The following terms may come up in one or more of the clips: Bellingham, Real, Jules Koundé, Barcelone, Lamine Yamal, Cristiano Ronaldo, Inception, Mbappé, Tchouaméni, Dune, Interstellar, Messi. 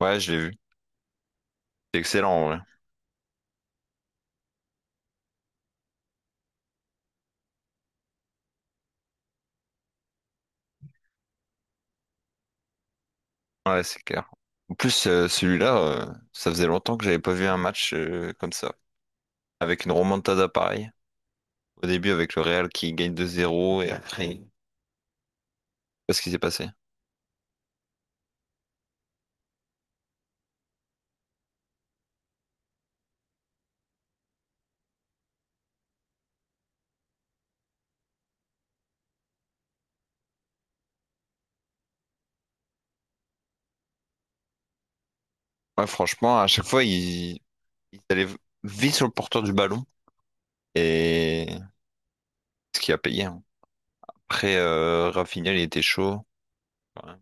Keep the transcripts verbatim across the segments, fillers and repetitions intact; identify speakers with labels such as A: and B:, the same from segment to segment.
A: Ouais, je l'ai vu. C'est excellent, en vrai. Ouais, c'est clair. En plus, euh, celui-là, euh, ça faisait longtemps que j'avais pas vu un match euh, comme ça. Avec une remontada pareille. Au début, avec le Real qui gagne deux zéro et après, je sais pas ce qui s'est passé. Ouais, franchement, à chaque fois, ils, ils allaient vite sur le porteur du ballon. Et ce qui a payé, hein. Après, euh, Rafinha, il était chaud. Ouais.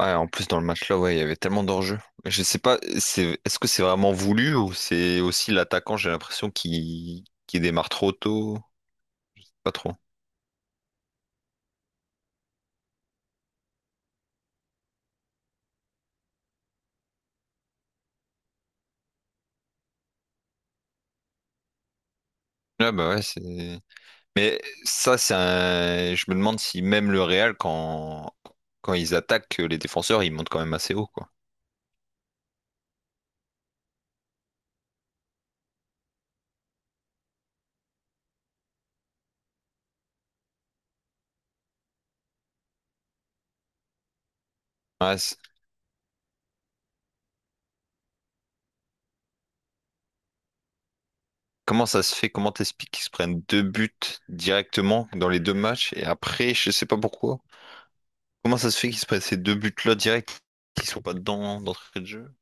A: Ouais, en plus, dans le match-là, ouais, il y avait tellement d'enjeux. Mais je sais pas, c'est, est-ce que c'est vraiment voulu ou c'est aussi l'attaquant, j'ai l'impression, qui, qui démarre trop tôt? Pas trop. Ah bah ouais, c'est. Mais ça, c'est un. Je me demande si même le Real, quand quand ils attaquent euh, les défenseurs, ils montent quand même assez haut, quoi. Ouais, c'est. Comment ça se fait? Comment t'expliques qu'ils se prennent deux buts directement dans les deux matchs et après, je sais pas pourquoi. Comment ça se fait qu'ils se prennent ces deux buts-là direct, qui sont pas dedans d'entrée de jeu?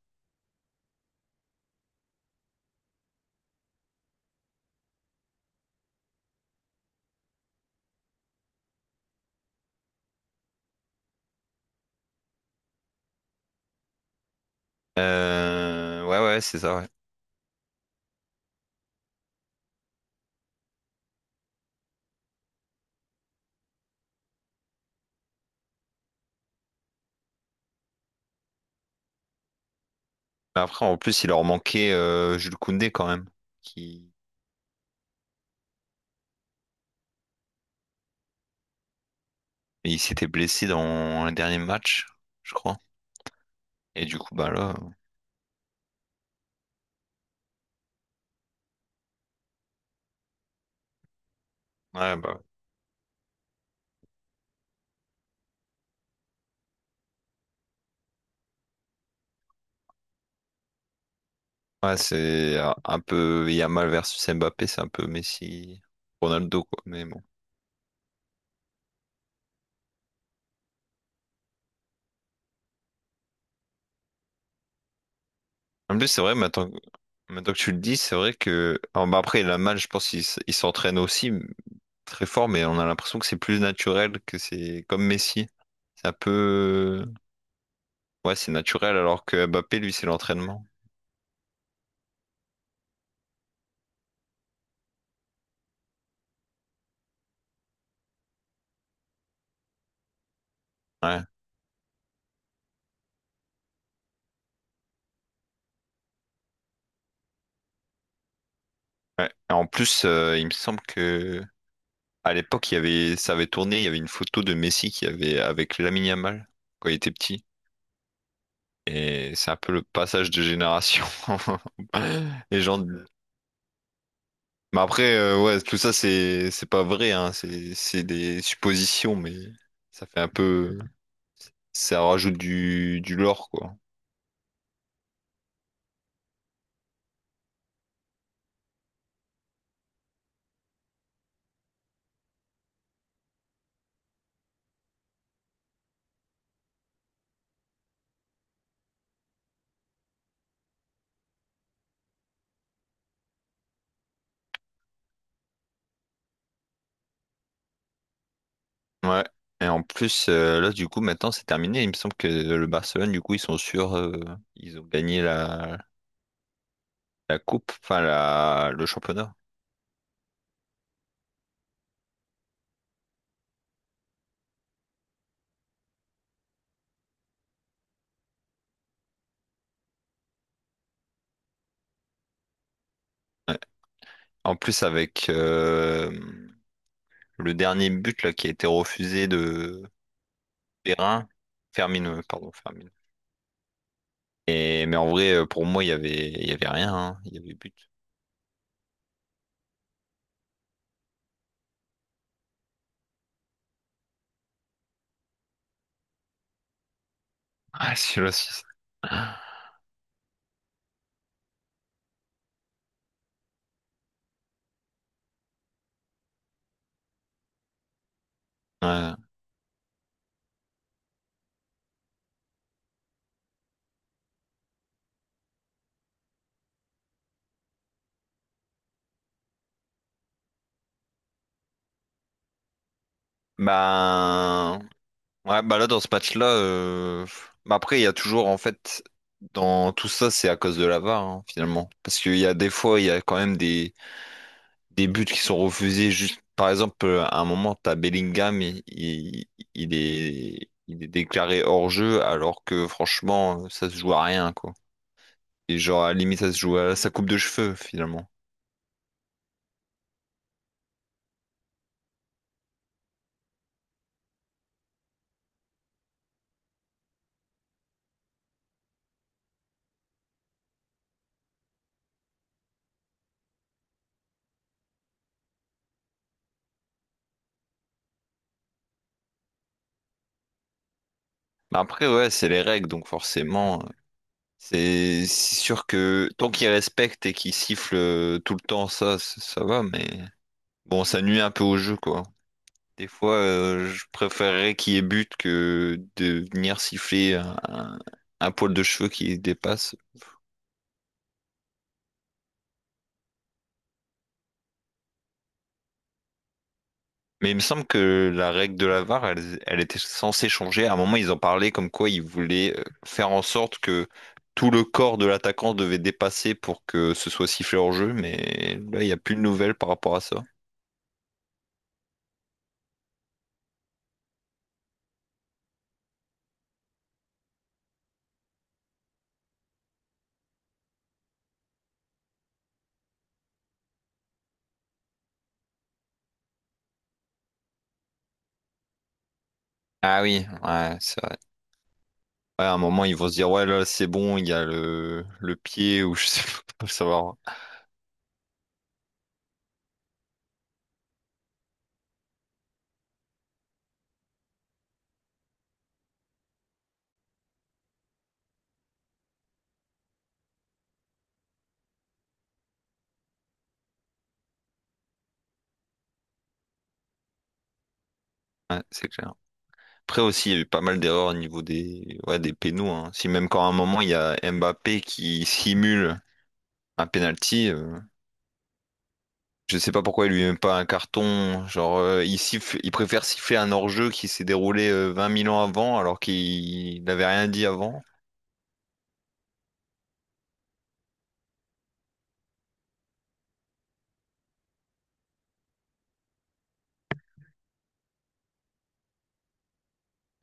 A: Euh... Ouais, ouais, c'est ça. Ouais. Mais après, en plus, il leur manquait euh, Jules Koundé quand même, qui, et il s'était blessé dans le dernier match, je crois. Et du coup, bah là. Ouais, bah, ouais. Ouais, c'est un un peu Yamal versus Mbappé, c'est un peu Messi, Ronaldo, quoi. Mais bon. En plus, c'est vrai, maintenant, que- maintenant que tu le dis, c'est vrai que. Alors, bah, après, Yamal, je pense qu'il s- il s'entraîne aussi très fort, mais on a l'impression que c'est plus naturel, que c'est comme Messi. C'est un peu. Ouais, c'est naturel, alors que Mbappé, lui, c'est l'entraînement. Ouais. Ouais. Et en plus, euh, il me semble que. À l'époque, il y avait, ça avait tourné, il y avait une photo de Messi qui avait avec Lamine Yamal quand il était petit. Et c'est un peu le passage de génération. Les gens. Mais après, euh, ouais, tout ça, c'est c'est pas vrai, hein. C'est c'est des suppositions, mais ça fait un peu. Ça rajoute du, du lore, quoi. Ouais. Et en plus, euh, là, du coup, maintenant, c'est terminé. Il me semble que le Barcelone, du coup, ils sont sûrs. euh, ils ont gagné la, la coupe, enfin, la, le championnat. Ouais. En plus, avec euh, le dernier but là, qui a été refusé de. Perrin, Fermine, euh, pardon, Fermine. Et, mais en vrai, euh, pour moi, il y avait, il y avait rien, hein. Il y avait but. Ah, celui-là, si. Ouais. Bah, ouais, bah là, dans ce match-là, euh, bah après, il y a toujours, en fait, dans tout ça, c'est à cause de la V A R, hein, finalement. Parce qu'il y a des fois, il y a quand même des, des buts qui sont refusés. Juste, par exemple, euh, à un moment, t'as Bellingham, il, il, il est, il est déclaré hors-jeu, alors que franchement, ça se joue à rien, quoi. Et genre, à la limite, ça se joue à sa coupe de cheveux, finalement. Mais après, ouais, c'est les règles, donc forcément, euh, c'est c'est sûr que tant qu'ils respectent et qu'ils sifflent euh, tout le temps, ça, ça, ça va, mais bon, ça nuit un peu au jeu, quoi. Des fois, euh, je préférerais qu'il y ait but que de venir siffler un, un poil de cheveux qui dépasse. Mais il me semble que la règle de la V A R, elle, elle était censée changer. À un moment, ils en parlaient comme quoi ils voulaient euh, faire en sorte que tout le corps de l'attaquant devait dépasser pour que ce soit sifflé hors jeu. Mais là, il n'y a plus de nouvelles par rapport à ça. Ah oui, ouais, c'est vrai. Ouais, à un moment, ils vont se dire, ouais, là, c'est bon, il y a le, le pied ou je sais pas, faut le savoir. Ouais, c'est clair. Après aussi, il y a eu pas mal d'erreurs au niveau des, ouais, des pénaux, hein. Si même quand à un moment, il y a Mbappé qui simule un penalty, euh, je sais pas pourquoi il lui met pas un carton. Genre, euh, il siffle- il préfère siffler un hors-jeu qui s'est déroulé euh, vingt mille ans avant alors qu'il n'avait rien dit avant.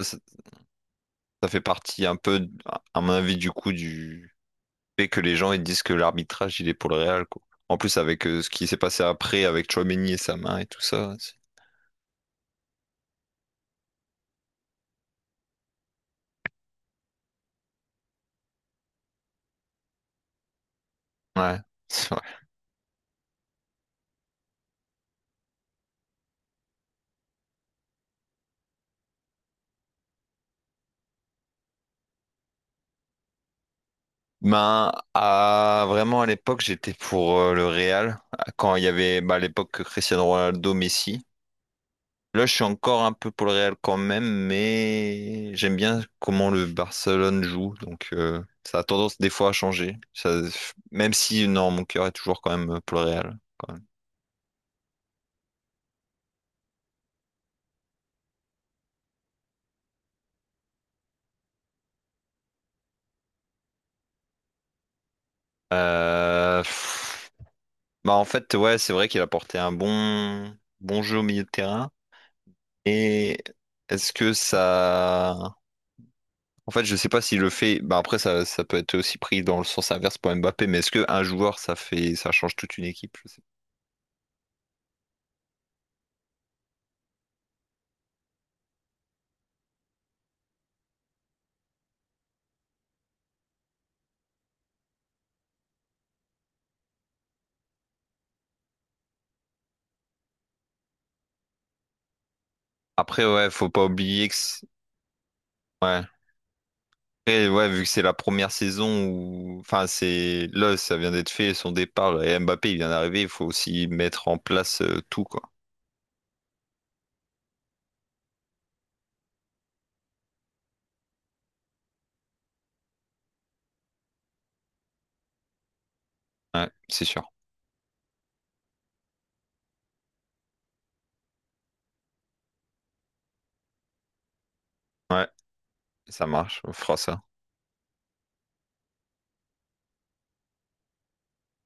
A: Ça, ça fait partie un peu, à mon avis, du coup, du fait que les gens ils disent que l'arbitrage il est pour le Real, quoi. En plus, avec euh, ce qui s'est passé après avec Tchouaméni et sa main et tout ça. C'est. Ouais. C'est vrai. Ben, à- vraiment à l'époque, j'étais pour euh, le Real quand il y avait bah, à l'époque Cristiano Ronaldo, Messi. Là, je suis encore un peu pour le Real quand même, mais j'aime bien comment le Barcelone joue. Donc, euh, ça a tendance des fois à changer. Ça, même si, non, mon cœur est toujours quand même pour le Real, quand même. Euh, pff, bah, en fait, ouais, c'est vrai qu'il a porté un bon, bon jeu au milieu de terrain. Et est-ce que ça. En fait, je sais pas s'il le fait. Bah, après, ça, ça peut être aussi pris dans le sens inverse pour Mbappé, mais est-ce qu'un joueur, ça fait, ça change toute une équipe? Je sais pas. Après, ouais, faut pas oublier que. C'est. Ouais. Après, ouais, vu que c'est la première saison où, enfin, c'est là, ça vient d'être fait, son départ, et Mbappé, il vient d'arriver, il faut aussi mettre en place euh, tout, quoi. Ouais, c'est sûr. Ouais, ça marche, on fera ça.